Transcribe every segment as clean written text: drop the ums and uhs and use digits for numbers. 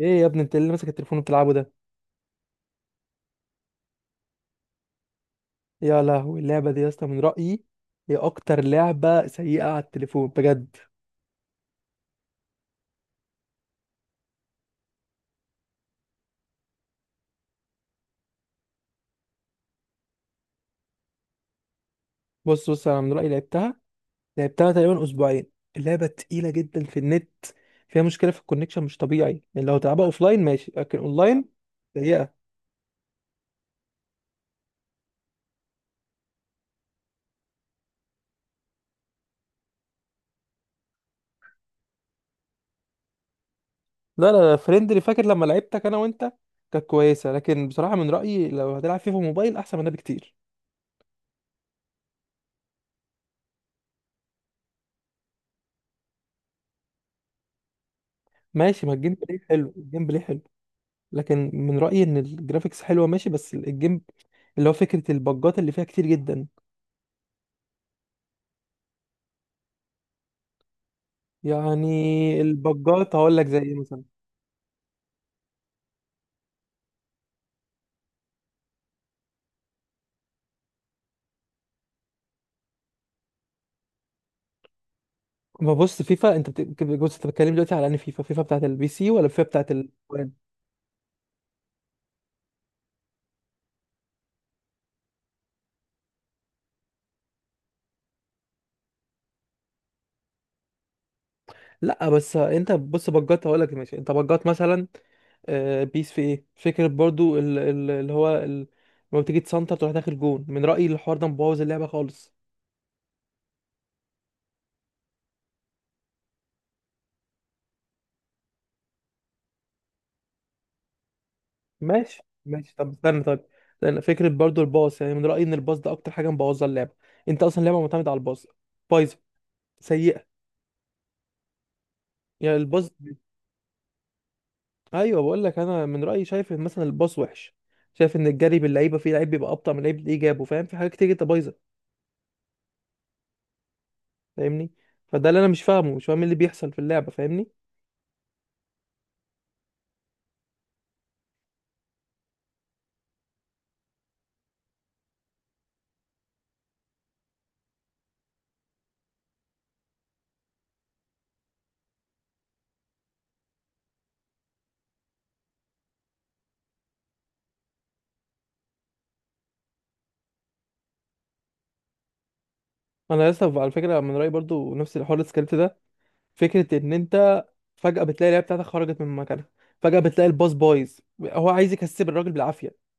ايه يا ابني انت اللي ماسك التليفون وبتلعبه ده. يا لهوي اللعبه دي يا اسطى، من رايي هي اكتر لعبه سيئه على التليفون بجد. بص، انا من رايي لعبتها، لعبتها تقريبا اسبوعين. اللعبه تقيله جدا في النت، فيها مشكله في الكونكشن مش طبيعي، يعني لو تلعبها اوفلاين ماشي لكن اونلاين سيئه. لا فريندلي، فاكر لما لعبتك انا وانت كانت كويسه، لكن بصراحه من رايي لو هتلعب فيفا موبايل احسن من ده بكتير. ماشي، ما الجيم بلاي حلو، الجيم بلاي حلو، لكن من رأيي ان الجرافيكس حلوة ماشي بس الجيم، اللي هو فكرة البجات اللي فيها كتير جدا. يعني البجات هقول لك زي ايه مثلا. ما بص، بص، انت بتتكلم دلوقتي على ان فيفا، فيفا بتاعت البي سي ولا فيفا بتاعت ال. لا بس انت بص، بجات هقول لك ماشي، انت بجات مثلا بيس في ايه فكرة برضو اللي هو ال، لما بتيجي تسنتر تروح داخل جون، من رأيي الحوار ده مبوظ اللعبة خالص. ماشي، طب استنى طيب. لان فكره برضو الباص، يعني من رايي ان الباص ده اكتر حاجه مبوظه اللعبه. انت اصلا اللعبه معتمده على الباص، بايظه، سيئه. يعني الباص. ايوه، بقول لك انا من رايي شايف ان مثلا الباص وحش، شايف ان الجري باللعيبه فيه لعيب بيبقى ابطا من لعيب اللي جابه، فاهم؟ في حاجات كتير جدا بايظه، فاهمني؟ فده اللي انا مش فاهمه، مش فاهم إيه اللي بيحصل في اللعبه، فاهمني؟ انا لسه على فكره من رايي برضو نفس الحوار السكريبت ده، فكره ان انت فجاه بتلاقي اللعيبه بتاعتك خرجت من مكانها، فجاه بتلاقي الباص بايظ هو عايز يكسب الراجل بالعافيه.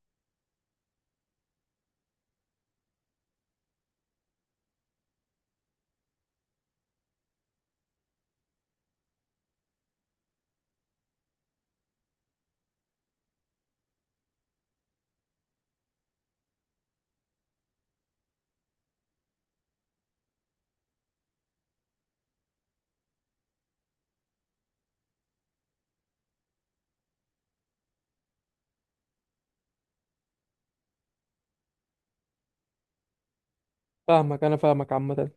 فاهمك، انا فاهمك عامه،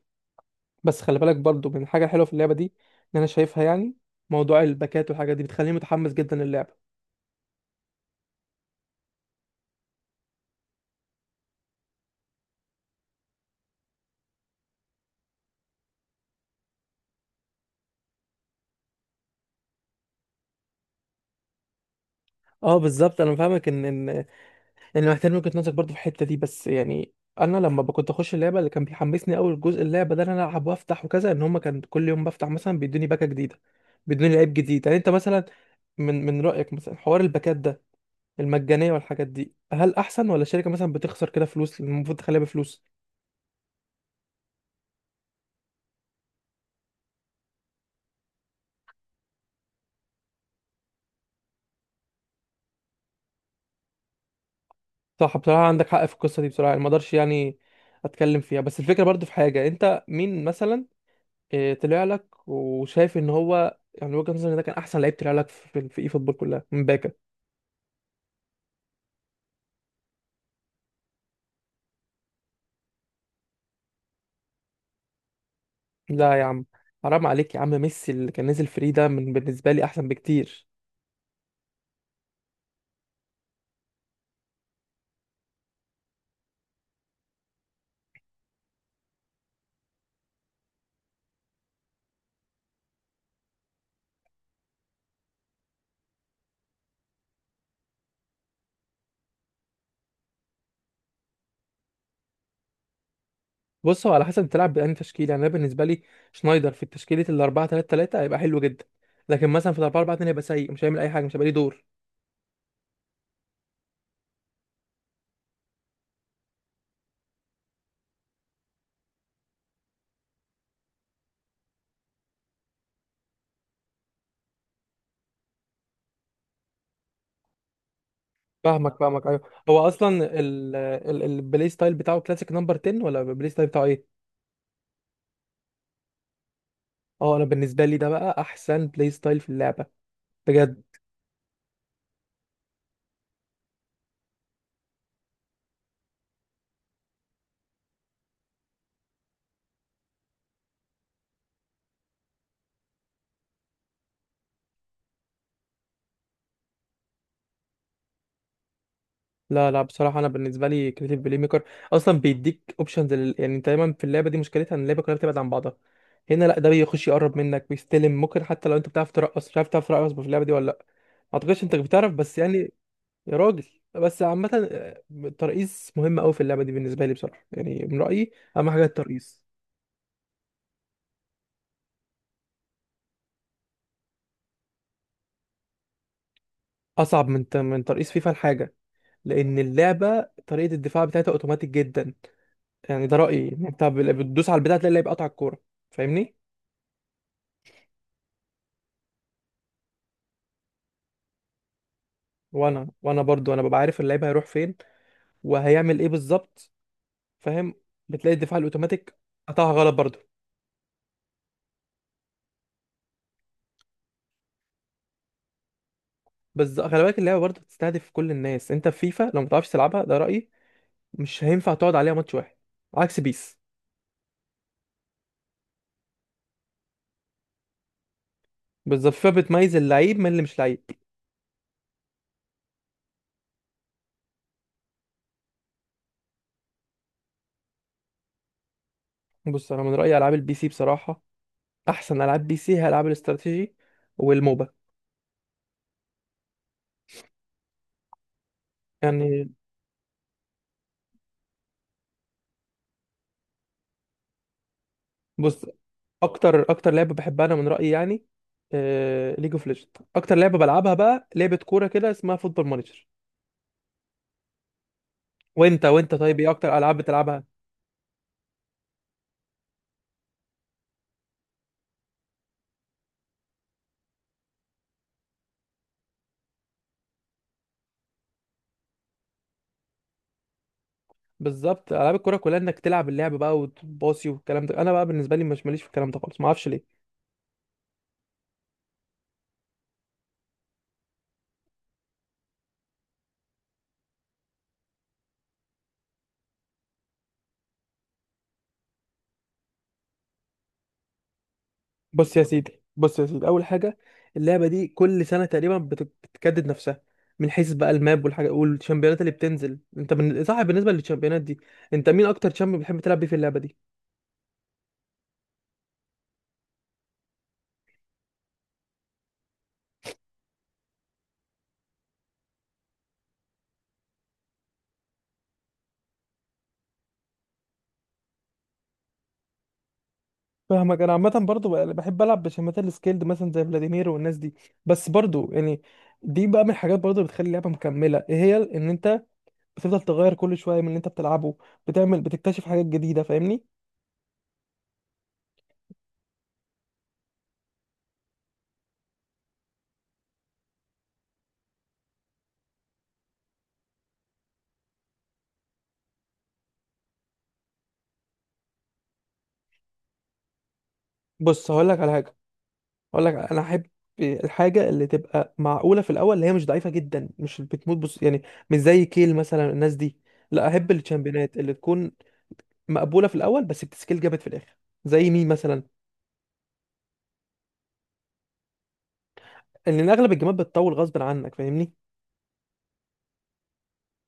بس خلي بالك برضو من الحاجه الحلوه في اللعبه دي، ان شايفها يعني موضوع الباكات والحاجات دي بتخليني متحمس جدا للعبه. اه بالظبط، انا فاهمك ان محتاج وجهة نظرك برضو في الحته دي، بس يعني انا لما كنت اخش اللعبه اللي كان بيحمسني اول جزء اللعبه ده إن انا العب وافتح وكذا، ان هما كان كل يوم بفتح مثلا بيدوني باكه جديده، بيدوني لعيب جديد. يعني انت مثلا من رايك مثلا حوار الباكات ده، المجانيه والحاجات دي هل احسن ولا الشركه مثلا بتخسر كده فلوس المفروض تخليها بفلوس؟ صح، بصراحة عندك حق في القصة دي بصراحة، يعني ما اقدرش يعني اتكلم فيها، بس الفكرة برضو في حاجة، انت مين مثلا طلع لك وشايف ان هو يعني وجهة نظري إن ده كان احسن لعيب طلع لك في في اي فوتبول كلها من باكا. لا يا عم، حرام عليك يا عم، ميسي اللي كان نازل فري ده من بالنسبة لي احسن بكتير. بص، هو على حسب تلعب بأنهي تشكيلة. يعني انا بالنسبة لي شنايدر في تشكيلة ال 4 3 3 هيبقى حلو جدا، لكن مثلا في ال 4 4 2 هيبقى سيء، مش هيعمل اي حاجة، مش هيبقى ليه دور. فاهمك ايوه. هو اصلا البلاي ستايل بتاعه كلاسيك نمبر 10 ولا البلاي ستايل بتاعه ايه؟ اه انا بالنسبه لي ده بقى احسن بلاي ستايل في اللعبه بجد. لا بصراحه انا بالنسبه لي كريتيف بلاي ميكر اصلا بيديك اوبشنز لل، يعني انت دايما في اللعبه دي مشكلتها ان اللعبه كلها بتبعد عن بعضها، هنا لا ده بيخش يقرب منك بيستلم. ممكن حتى لو انت بتعرف ترقص، مش عارف تعرف ترقص في اللعبه دي ولا لا؟ ما اعتقدش انت بتعرف، بس يعني يا راجل. بس عامه الترقيص مهم قوي في اللعبه دي بالنسبه لي بصراحه، يعني من رايي اهم حاجه الترقيص. اصعب من من ترقيص فيفا الحاجه، لان اللعبه طريقه الدفاع بتاعتها اوتوماتيك جدا. يعني ده رايي، ان انت بتدوس على البتاع تلاقي اللعيب قطع الكوره، فاهمني؟ وانا برضو انا ببقى عارف اللعيب هيروح فين وهيعمل ايه بالظبط، فاهم؟ بتلاقي الدفاع الاوتوماتيك قطعها غلط برضو. بس خلي بالك اللعبه برضو بتستهدف كل الناس، انت في فيفا لو ما تعرفش تلعبها، ده رايي، مش هينفع تقعد عليها ماتش واحد، عكس بيس. بالظبط، فيفا بتميز اللعيب من اللي مش لعيب. بص، انا من رايي العاب البي سي بصراحه، احسن العاب بي سي هي العاب الاستراتيجي والموبا. يعني بص، اكتر لعبه بحبها انا من رايي يعني ليج اوف ليجند. اكتر لعبه بلعبها بقى لعبه كوره كده اسمها فوتبول مانجر. وانت طيب ايه اكتر العاب بتلعبها؟ بالظبط العاب الكوره كلها انك تلعب اللعب بقى وتباصي والكلام ده، انا بقى بالنسبه لي مش ماليش في الكلام ده خالص، ما اعرفش ليه. بص يا سيدي اول حاجه، اللعبه دي كل سنه تقريبا بتجدد نفسها، من حيث بقى الماب والحاجه والشامبيونات اللي بتنزل. صح، بالنسبه للشامبيونات دي، انت مين اكتر شامبيون بتحب تلعب بيه في اللعبه دي؟ فاهمك، انا عامه برضو بحب العب بشامبيونات السكيلد مثلا زي فلاديمير والناس دي. بس برضو يعني دي بقى من الحاجات برضو اللي بتخلي اللعبه مكمله، ايه هي؟ ان انت بتفضل تغير كل شويه من اللي انت بتلعبه، بتعمل بتكتشف حاجات جديده، فاهمني؟ بص هقول لك على حاجه، اقول لك انا احب الحاجه اللي تبقى معقوله في الاول، اللي هي مش ضعيفه جدا مش بتموت، بص يعني مش زي كيل مثلا الناس دي، لا احب الشامبيونات اللي تكون مقبوله في الاول بس بتسكيل جامد في الاخر. زي مين مثلا؟ لان اغلب الجيمات بتطول غصب عنك، فاهمني؟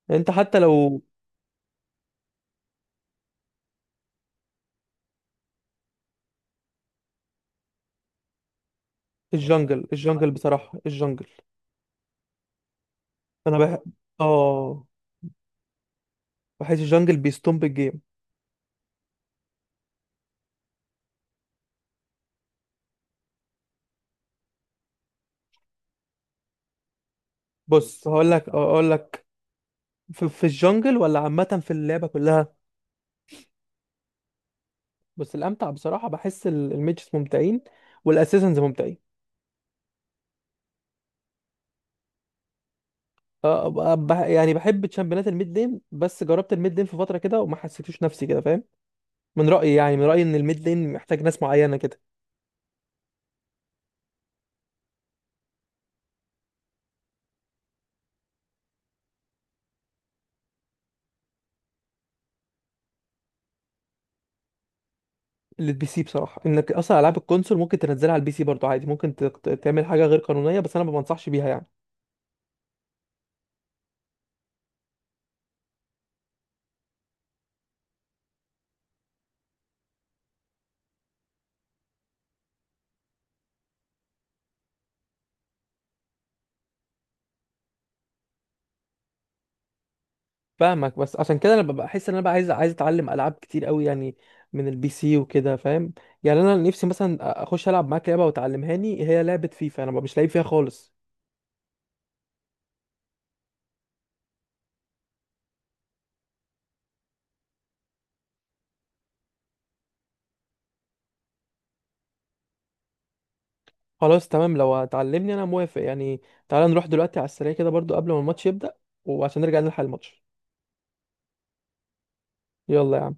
يعني انت حتى لو، الجنجل الجنجل بصراحه الجنجل. انا بحب، اه، بحس الجنجل بيستومب الجيم. بص هقول لك، اقول لك في، في الجنجل ولا عامه في اللعبه كلها؟ بس الامتع بصراحه بحس الميجز ممتعين والاساسنز ممتعين. آه، يعني بحب تشامبيونات الميد لين، بس جربت الميد لين في فتره كده وما حسيتوش نفسي كده، فاهم؟ من رايي ان الميد لين محتاج ناس معينه كده. للبي سي بصراحه، انك اصلا العاب الكونسول ممكن تنزلها على البي سي برضه عادي، ممكن تعمل حاجه غير قانونيه بس انا ما بنصحش بيها يعني. فاهمك، بس عشان كده انا ببقى احس ان انا بقى عايز اتعلم العاب كتير قوي يعني من البي سي وكده، فاهم؟ يعني انا نفسي مثلا اخش العب معاك لعبه وتعلمهاني، هي لعبه فيفا انا مش لعيب فيها خالص. خلاص تمام، لو هتعلمني انا موافق يعني. تعالى نروح دلوقتي على السريع كده برضو قبل ما الماتش يبدأ، وعشان نرجع نلحق الماتش. يلا يا عم.